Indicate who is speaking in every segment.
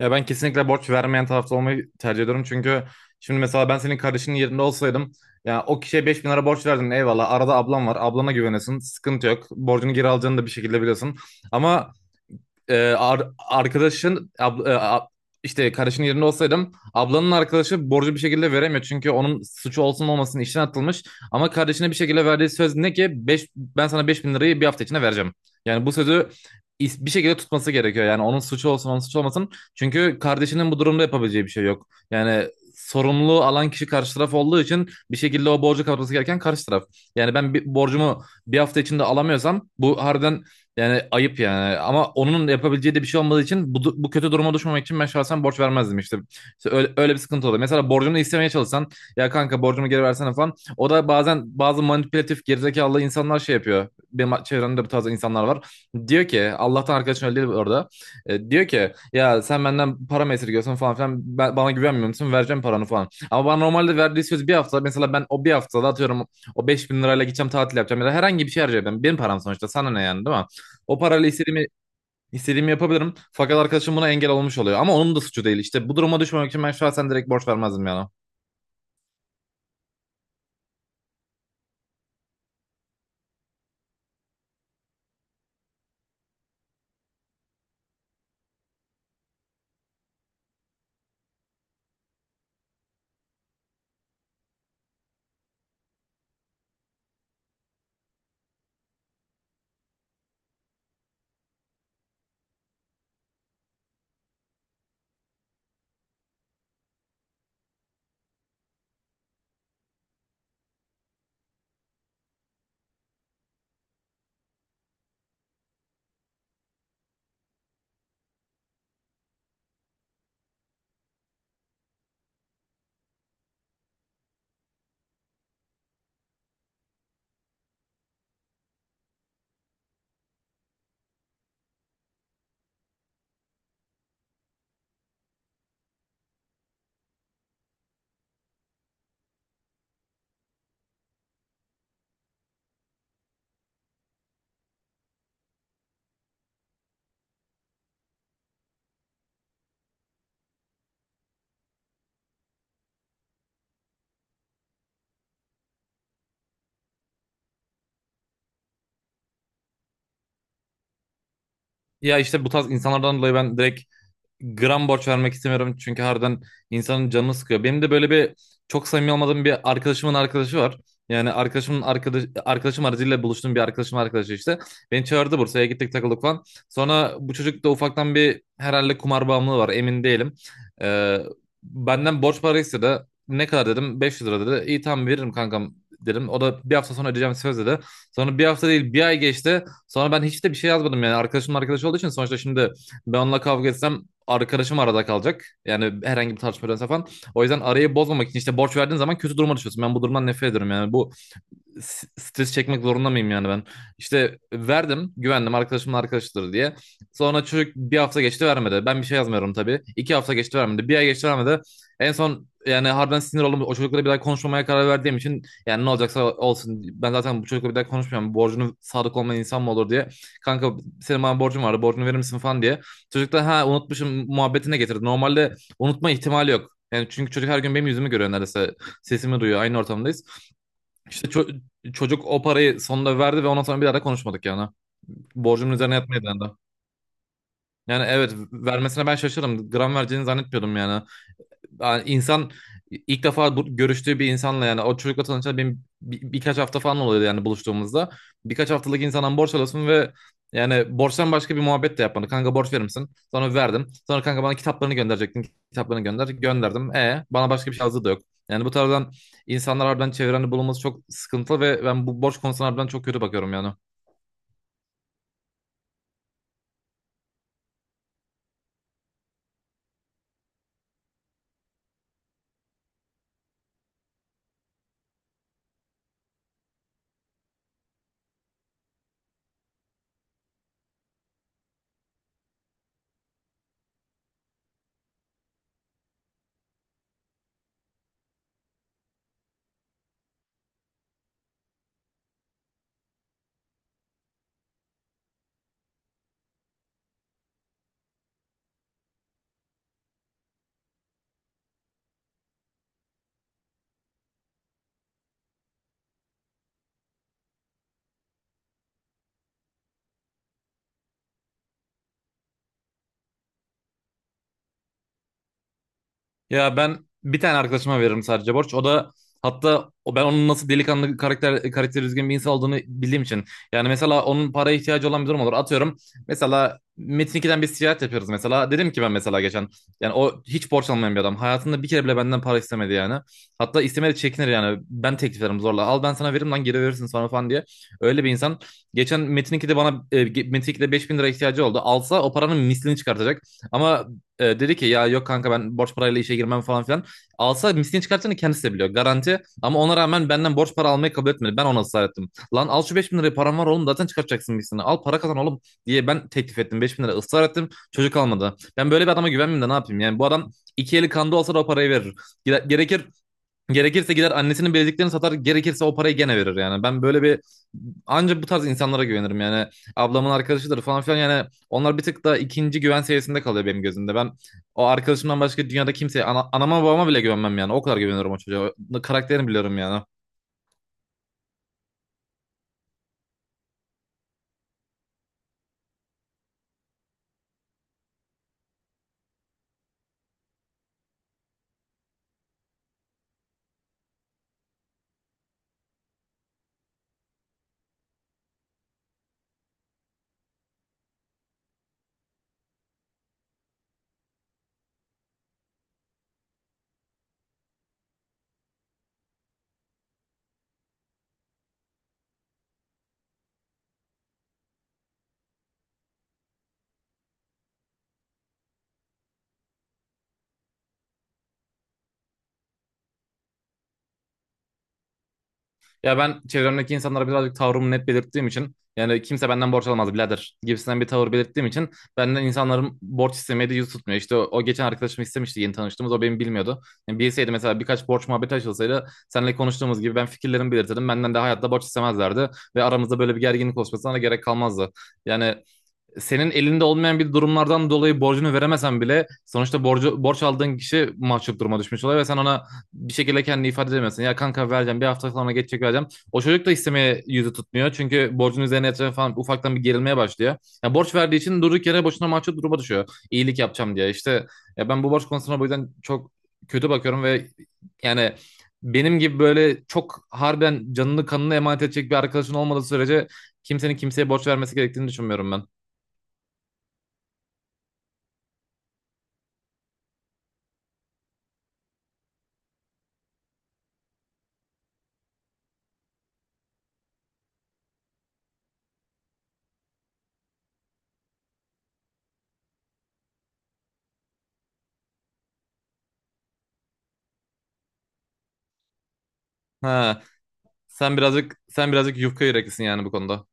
Speaker 1: Ya ben kesinlikle borç vermeyen tarafta olmayı tercih ediyorum. Çünkü şimdi mesela ben senin kardeşinin yerinde olsaydım ya o kişiye 5 bin lira borç verdin eyvallah. Arada ablam var. Ablana güvenesin. Sıkıntı yok. Borcunu geri alacağını da bir şekilde biliyorsun. Ama e, ar- arkadaşın abla- e, a- işte kardeşinin yerinde olsaydım ablanın arkadaşı borcu bir şekilde veremiyor. Çünkü onun suçu olsun olmasın işten atılmış. Ama kardeşine bir şekilde verdiği söz ne ki? Ben sana 5 bin lirayı bir hafta içinde vereceğim. Yani bu sözü bir şekilde tutması gerekiyor. Yani onun suçu olsun onun suçu olmasın. Çünkü kardeşinin bu durumda yapabileceği bir şey yok. Yani sorumluluğu alan kişi karşı taraf olduğu için bir şekilde o borcu kapatması gereken karşı taraf. Yani ben bir borcumu bir hafta içinde alamıyorsam bu harbiden yani ayıp yani. Ama onun yapabileceği de bir şey olmadığı için bu kötü duruma düşmemek için ben şahsen borç vermezdim işte. İşte öyle bir sıkıntı oluyor. Mesela borcunu istemeye çalışsan ya kanka borcumu geri versene falan. O da bazen bazı manipülatif gerizekalı insanlar şey yapıyor. Benim çevremde bu tarz insanlar var. Diyor ki Allah'tan arkadaşın öyle değil orada. Diyor ki ya sen benden para mı esirgiyorsun falan filan. Bana güvenmiyor musun? Vereceğim paranı falan. Ama bana normalde verdiği söz bir hafta. Mesela ben o bir haftada atıyorum o 5 bin lirayla gideceğim tatil yapacağım ya da herhangi bir şey harcayacağım. Benim param sonuçta sana ne yani, değil mi? O parayla istediğimi yapabilirim. Fakat arkadaşım buna engel olmuş oluyor. Ama onun da suçu değil. İşte bu duruma düşmemek için ben şahsen direkt borç vermezdim yani. Ya işte bu tarz insanlardan dolayı ben direkt gram borç vermek istemiyorum çünkü harbiden insanın canını sıkıyor. Benim de böyle bir çok samimi olmadığım bir arkadaşımın arkadaşı var. Yani arkadaşımın arkadaşım aracıyla buluştuğum bir arkadaşım arkadaşı işte. Beni çağırdı, Bursa'ya gittik, takıldık falan. Sonra bu çocuk da ufaktan bir herhalde kumar bağımlılığı var, emin değilim. Ee, Benden borç para istedi. Ne kadar dedim, 500 lira dedi. İyi tamam veririm kankam dedim. O da bir hafta sonra ödeyeceğim söz dedi. Sonra bir hafta değil bir ay geçti. Sonra ben hiç de bir şey yazmadım yani arkadaşımın arkadaşı olduğu için sonuçta, şimdi ben onunla kavga etsem arkadaşım arada kalacak. Yani herhangi bir tartışma falan. O yüzden arayı bozmamak için işte borç verdiğin zaman kötü duruma düşüyorsun. Ben bu durumdan nefret ediyorum yani. Bu stres çekmek zorunda mıyım yani ben? İşte verdim, güvendim arkadaşımın arkadaşıdır diye. Sonra çocuk, bir hafta geçti vermedi. Ben bir şey yazmıyorum tabii. 2 hafta geçti vermedi. Bir ay geçti vermedi. En son yani harbiden sinir oldum. O çocukla bir daha konuşmamaya karar verdiğim için yani ne olacaksa olsun. Ben zaten bu çocukla bir daha konuşmuyorum. Borcunu sadık olmayan insan mı olur diye. Kanka senin bana borcun vardı. Borcunu verir misin falan diye. Çocuk da ha unutmuşum muhabbetine getirdi. Normalde unutma ihtimali yok. Yani çünkü çocuk her gün benim yüzümü görüyor neredeyse. Sesimi duyuyor. Aynı ortamdayız. İşte çocuk o parayı sonunda verdi ve ondan sonra bir daha da konuşmadık yani. Borcumun üzerine yatmaya dendi. Yani evet, vermesine ben şaşırdım. Gram vereceğini zannetmiyordum yani. Yani insan ilk defa bu, görüştüğü bir insanla, yani o çocukla tanışan benim birkaç hafta falan oluyordu yani buluştuğumuzda. Birkaç haftalık insandan borç alıyorsun ve yani borçtan başka bir muhabbet de yapmadı. Kanka borç verir misin? Sonra verdim. Sonra kanka bana kitaplarını gönderecektin. Kitaplarını gönder. Gönderdim. E bana başka bir şey yazdığı da yok. Yani bu tarzdan insanlar harbiden çevrende bulunması çok sıkıntılı ve ben bu borç konusuna harbiden çok kötü bakıyorum yani. Ya ben bir tane arkadaşıma veririm sadece borç. O da hatta o ben onun nasıl delikanlı karakteri düzgün bir insan olduğunu bildiğim için. Yani mesela onun paraya ihtiyacı olan bir durum olur. Atıyorum mesela Metin 2'den biz ticaret yapıyoruz mesela. Dedim ki ben mesela geçen, yani o hiç borç almayan bir adam. Hayatında bir kere bile benden para istemedi yani. Hatta istemedi, çekinir yani. Ben teklif ederim zorla. Al ben sana veririm lan, geri verirsin sonra falan diye. Öyle bir insan. Geçen Metin 2'de bana Metin 2'de 5000 lira ihtiyacı oldu. Alsa o paranın mislini çıkartacak. Ama dedi ki ya yok kanka, ben borç parayla işe girmem falan filan. Alsa miskin çıkartacağını kendisi de biliyor. Garanti. Ama ona rağmen benden borç para almayı kabul etmedi. Ben ona ısrar ettim. Lan al şu 5 bin lirayı, param var oğlum, zaten çıkartacaksın miskini. Al para kazan oğlum diye ben teklif ettim. 5 bin lira ısrar ettim. Çocuk almadı. Ben böyle bir adama güvenmeyeyim de ne yapayım? Yani bu adam iki eli kanda olsa da o parayı verir. Gere- Gerekir Gerekirse gider annesinin bileziklerini satar, gerekirse o parayı gene verir yani. Ben böyle bir, ancak bu tarz insanlara güvenirim yani. Ablamın arkadaşıdır falan filan yani onlar bir tık da ikinci güven seviyesinde kalıyor benim gözümde. Ben o arkadaşımdan başka dünyada kimseye anama babama bile güvenmem yani. O kadar güveniyorum o çocuğa. O karakterini biliyorum yani. Ya ben çevremdeki insanlara birazcık tavrımı net belirttiğim için, yani kimse benden borç alamaz birader gibisinden bir tavır belirttiğim için benden insanların borç istemeye de yüz tutmuyor. İşte o geçen arkadaşım istemişti yeni tanıştığımız, o benim bilmiyordu. Yani bilseydi mesela birkaç borç muhabbeti açılsaydı seninle konuştuğumuz gibi ben fikirlerimi belirtirdim. Benden de hayatta borç istemezlerdi ve aramızda böyle bir gerginlik oluşmasına da gerek kalmazdı. Yani senin elinde olmayan bir durumlardan dolayı borcunu veremesen bile sonuçta borç aldığın kişi mahcup duruma düşmüş oluyor ve sen ona bir şekilde kendini ifade edemezsin. Ya kanka vereceğim, bir hafta sonra geçecek, vereceğim. O çocuk da istemeye yüzü tutmuyor çünkü borcun üzerine yatırıyor falan, ufaktan bir gerilmeye başlıyor. Ya borç verdiği için durduk yere boşuna mahcup duruma düşüyor. İyilik yapacağım diye işte, ya ben bu borç konusuna bu yüzden çok kötü bakıyorum ve yani benim gibi böyle çok harbiden canını kanını emanet edecek bir arkadaşın olmadığı sürece kimsenin kimseye borç vermesi gerektiğini düşünmüyorum ben. Ha, sen birazcık yufka yüreklisin yani bu konuda.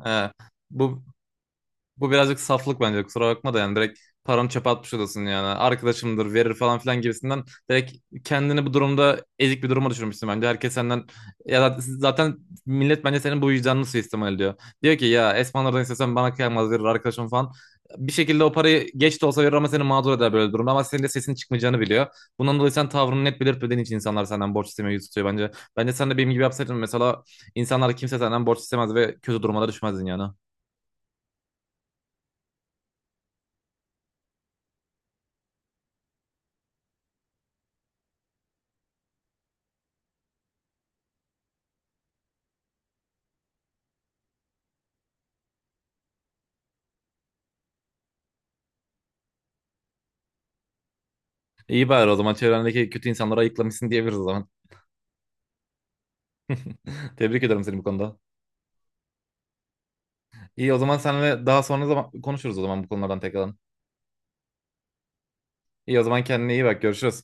Speaker 1: Ha, bu Bu birazcık saflık bence, kusura bakma da, yani direkt paranı çöpe atmış odasın yani. Arkadaşımdır verir falan filan gibisinden direkt kendini bu durumda ezik bir duruma düşürmüşsün bence. Herkes senden ya da zaten millet bence senin bu vicdanını suistimal ediyor. Diyor ki ya Esmanlardan istesem bana kıyamaz verir arkadaşım falan. Bir şekilde o parayı geç de olsa verir ama seni mağdur eder böyle durumda, ama senin de sesin çıkmayacağını biliyor. Bundan dolayı sen tavrını net belirtmediğin için insanlar senden borç istemeye yüz tutuyor bence. Bence sen de benim gibi yapsaydın mesela insanlar, kimse senden borç istemez ve kötü durumlara düşmezdin yani. İyi bari, o zaman çevrendeki kötü insanları ayıklamışsın diyebiliriz o zaman. Tebrik ederim seni bu konuda. İyi o zaman, seninle daha sonra zaman konuşuruz o zaman, bu konulardan tekrardan. İyi o zaman, kendine iyi bak, görüşürüz.